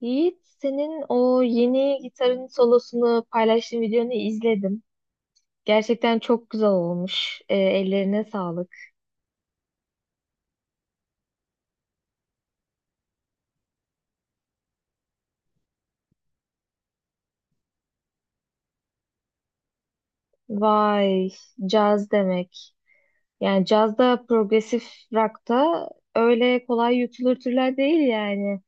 Yiğit, senin o yeni gitarın solosunu paylaştığın videonu izledim. Gerçekten çok güzel olmuş. Ellerine sağlık. Vay, caz demek. Yani cazda progresif rock'ta öyle kolay yutulur türler değil yani.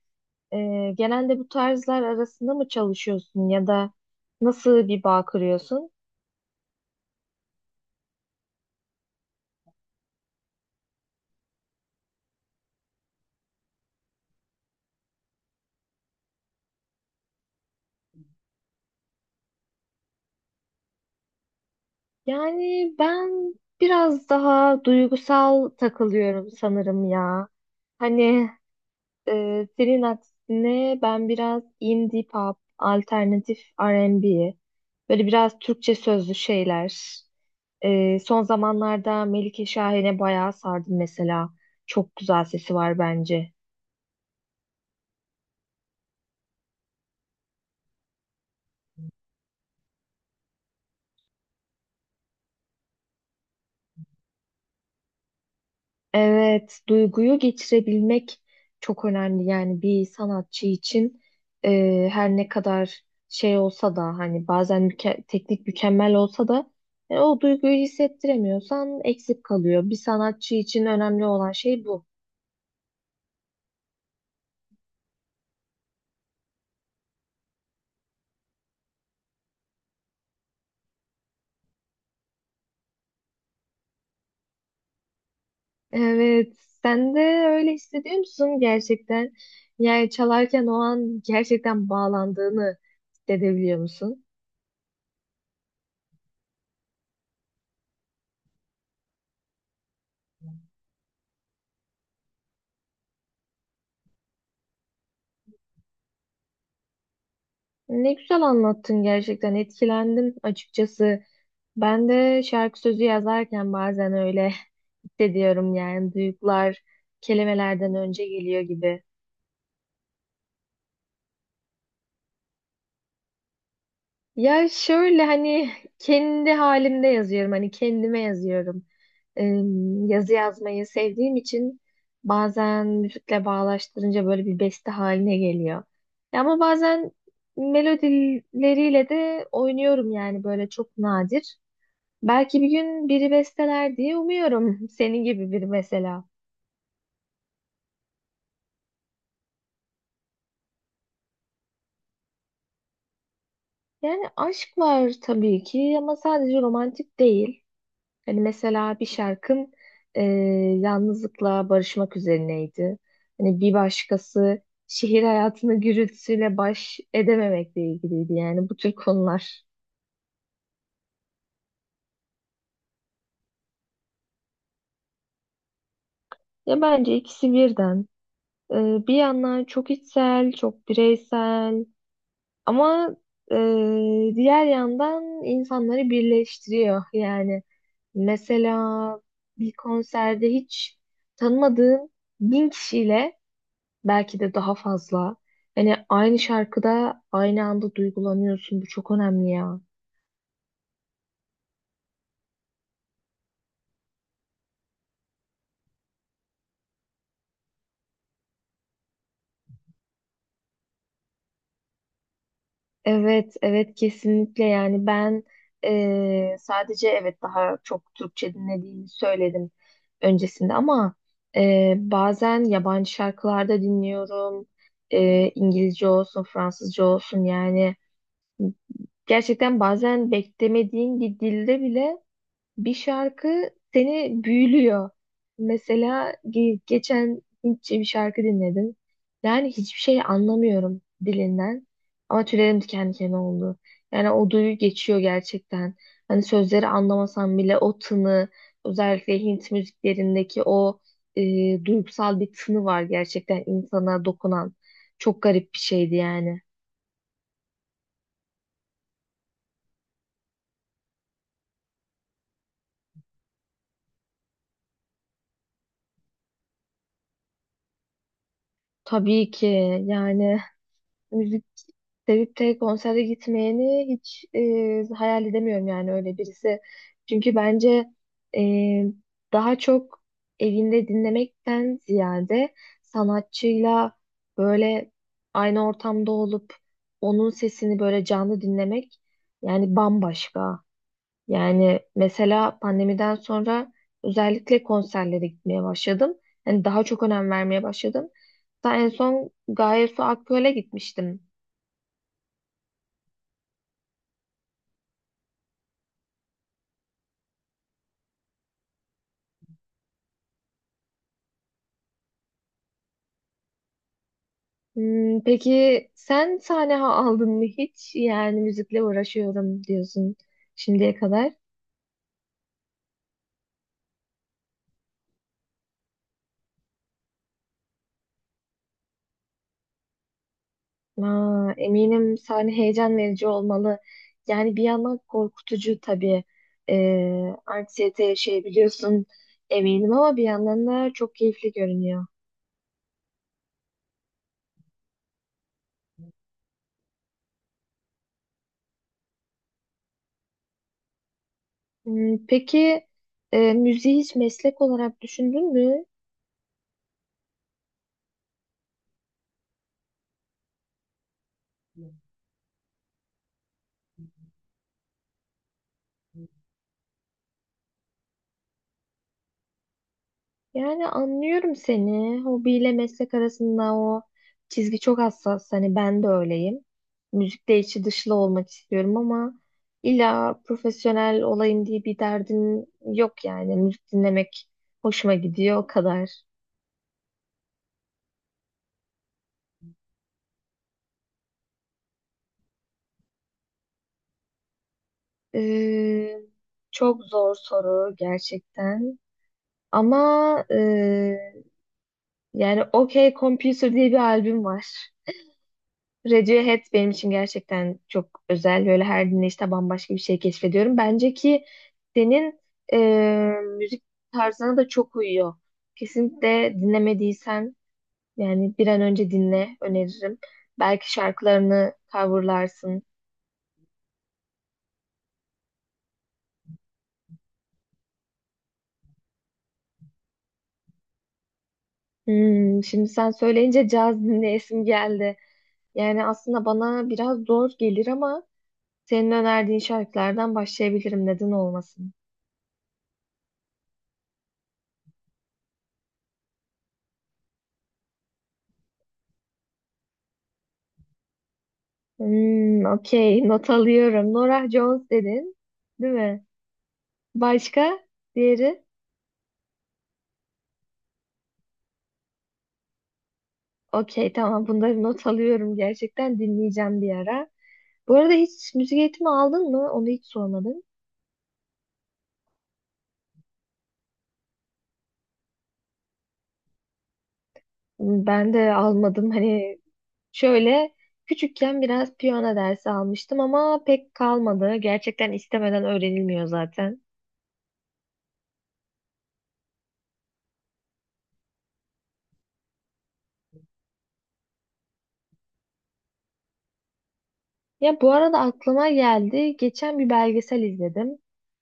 Genelde bu tarzlar arasında mı çalışıyorsun ya da nasıl bir bağ kuruyorsun? Yani ben biraz daha duygusal takılıyorum sanırım ya. Hani senin aksine ben biraz indie pop, alternatif R&B, böyle biraz Türkçe sözlü şeyler. Son zamanlarda Melike Şahin'e bayağı sardım mesela. Çok güzel sesi var bence. Evet, duyguyu geçirebilmek çok önemli. Yani bir sanatçı için her ne kadar şey olsa da hani bazen teknik mükemmel olsa da o duyguyu hissettiremiyorsan eksik kalıyor. Bir sanatçı için önemli olan şey bu. Evet, sen de öyle hissediyor musun gerçekten? Yani çalarken o an gerçekten bağlandığını hissedebiliyor musun? Ne güzel anlattın, gerçekten etkilendim açıkçası. Ben de şarkı sözü yazarken bazen öyle hissediyorum, yani duygular kelimelerden önce geliyor gibi. Ya şöyle, hani kendi halimde yazıyorum, hani kendime yazıyorum. Ee, Yazı yazmayı sevdiğim için bazen müzikle bağdaştırınca böyle bir beste haline geliyor. Ya ama bazen melodileriyle de oynuyorum yani böyle çok nadir. Belki bir gün biri besteler diye umuyorum. Senin gibi biri mesela. Yani aşk var tabii ki ama sadece romantik değil. Hani mesela bir şarkın e, yalnızlıkla barışmak üzerineydi. Hani bir başkası şehir hayatını gürültüsüyle baş edememekle ilgiliydi. Yani bu tür konular. Ya bence ikisi birden. E, Bir yandan çok içsel, çok bireysel. Ama e, diğer yandan insanları birleştiriyor. Yani mesela bir konserde hiç tanımadığın bin kişiyle, belki de daha fazla. Yani aynı şarkıda aynı anda duygulanıyorsun. Bu çok önemli ya. Evet, evet kesinlikle, yani ben sadece evet, daha çok Türkçe dinlediğimi söyledim öncesinde ama bazen yabancı şarkılarda dinliyorum. İngilizce olsun, Fransızca olsun, yani gerçekten bazen beklemediğin bir dilde bile bir şarkı seni büyülüyor. Mesela geçen Hintçe bir şarkı dinledim. Yani hiçbir şey anlamıyorum dilinden. Ama tüylerim diken diken oldu. Yani o duyu geçiyor gerçekten. Hani sözleri anlamasam bile o tını, özellikle Hint müziklerindeki o duygusal bir tını var gerçekten insana dokunan. Çok garip bir şeydi yani. Tabii ki, yani müzik sevip de konsere gitmeyeni hiç hayal edemiyorum, yani öyle birisi. Çünkü bence e, daha çok evinde dinlemekten ziyade sanatçıyla böyle aynı ortamda olup onun sesini böyle canlı dinlemek yani bambaşka. Yani mesela pandemiden sonra özellikle konserlere gitmeye başladım. Yani daha çok önem vermeye başladım. Hatta en son Gaye Su Akgöl'e gitmiştim. Hmm, peki sen sahne aldın mı hiç? Yani müzikle uğraşıyorum diyorsun şimdiye kadar. Aa, eminim sahne heyecan verici olmalı. Yani bir yandan korkutucu tabii. Anksiyete yaşayabiliyorsun eminim, ama bir yandan da çok keyifli görünüyor. Hmm, peki müziği hiç meslek olarak düşündün mü? Yani anlıyorum seni. Hobiyle meslek arasında o çizgi çok hassas. Hani ben de öyleyim. Müzikle içi dışlı olmak istiyorum ama illa profesyonel olayım diye bir derdin yok yani. Müzik dinlemek hoşuma gidiyor o kadar. Ee, Çok zor soru gerçekten. Ama yani OK Computer diye bir albüm var. Radiohead benim için gerçekten çok özel. Böyle her dinleyişte bambaşka bir şey keşfediyorum. Bence ki senin e, müzik tarzına da çok uyuyor. Kesinlikle dinlemediysen yani bir an önce dinle, öneririm. Belki şarkılarını coverlarsın. Hmm, şimdi sen söyleyince caz dinleyesim geldi. Yani aslında bana biraz zor gelir ama senin önerdiğin şarkılardan başlayabilirim. Neden olmasın? Hmm, okey. Not alıyorum. Norah Jones dedin. Değil mi? Başka? Diğeri? Okey, tamam. Bunları not alıyorum. Gerçekten dinleyeceğim bir ara. Bu arada hiç müzik eğitimi aldın mı? Onu hiç sormadım. Hmm, ben de almadım. Hani şöyle küçükken biraz piyano dersi almıştım ama pek kalmadı. Gerçekten istemeden öğrenilmiyor zaten. Ya bu arada aklıma geldi. Geçen bir belgesel izledim.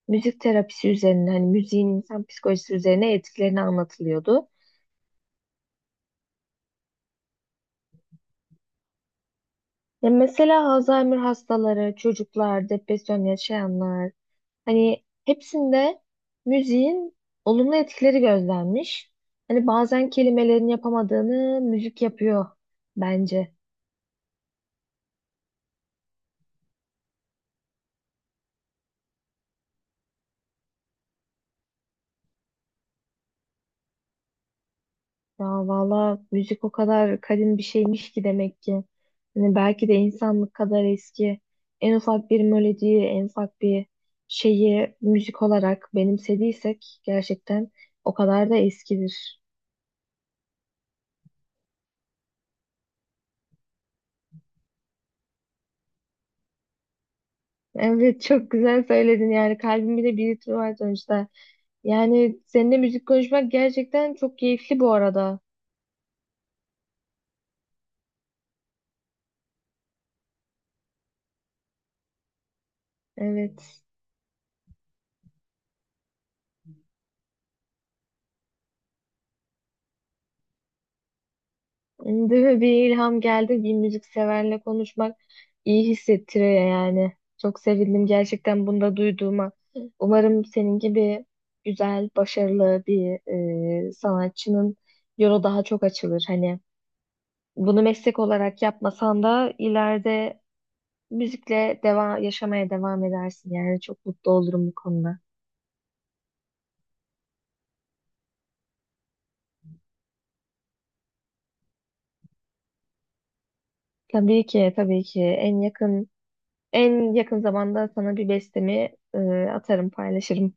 Müzik terapisi üzerine, hani müziğin insan psikolojisi üzerine etkilerini anlatılıyordu. Ya mesela Alzheimer hastaları, çocuklar, depresyon yaşayanlar, hani hepsinde müziğin olumlu etkileri gözlenmiş. Hani bazen kelimelerin yapamadığını müzik yapıyor bence. Ya valla müzik o kadar kadim bir şeymiş ki, demek ki. Hani belki de insanlık kadar eski. En ufak bir melodiyi, en ufak bir şeyi müzik olarak benimsediysek gerçekten o kadar da eskidir. Evet, çok güzel söyledin, yani kalbimde de bir ritmi var sonuçta. Yani seninle müzik konuşmak gerçekten çok keyifli bu arada. Evet. Değil mi? Bir ilham geldi. Bir müzikseverle konuşmak iyi hissettiriyor yani. Çok sevindim gerçekten bunda duyduğuma. Umarım senin gibi güzel, başarılı bir sanatçının yolu daha çok açılır. Hani bunu meslek olarak yapmasan da ileride müzikle devam yaşamaya devam edersin. Yani çok mutlu olurum bu konuda. Tabii ki, tabii ki en yakın en yakın zamanda sana bir bestemi e, atarım, paylaşırım.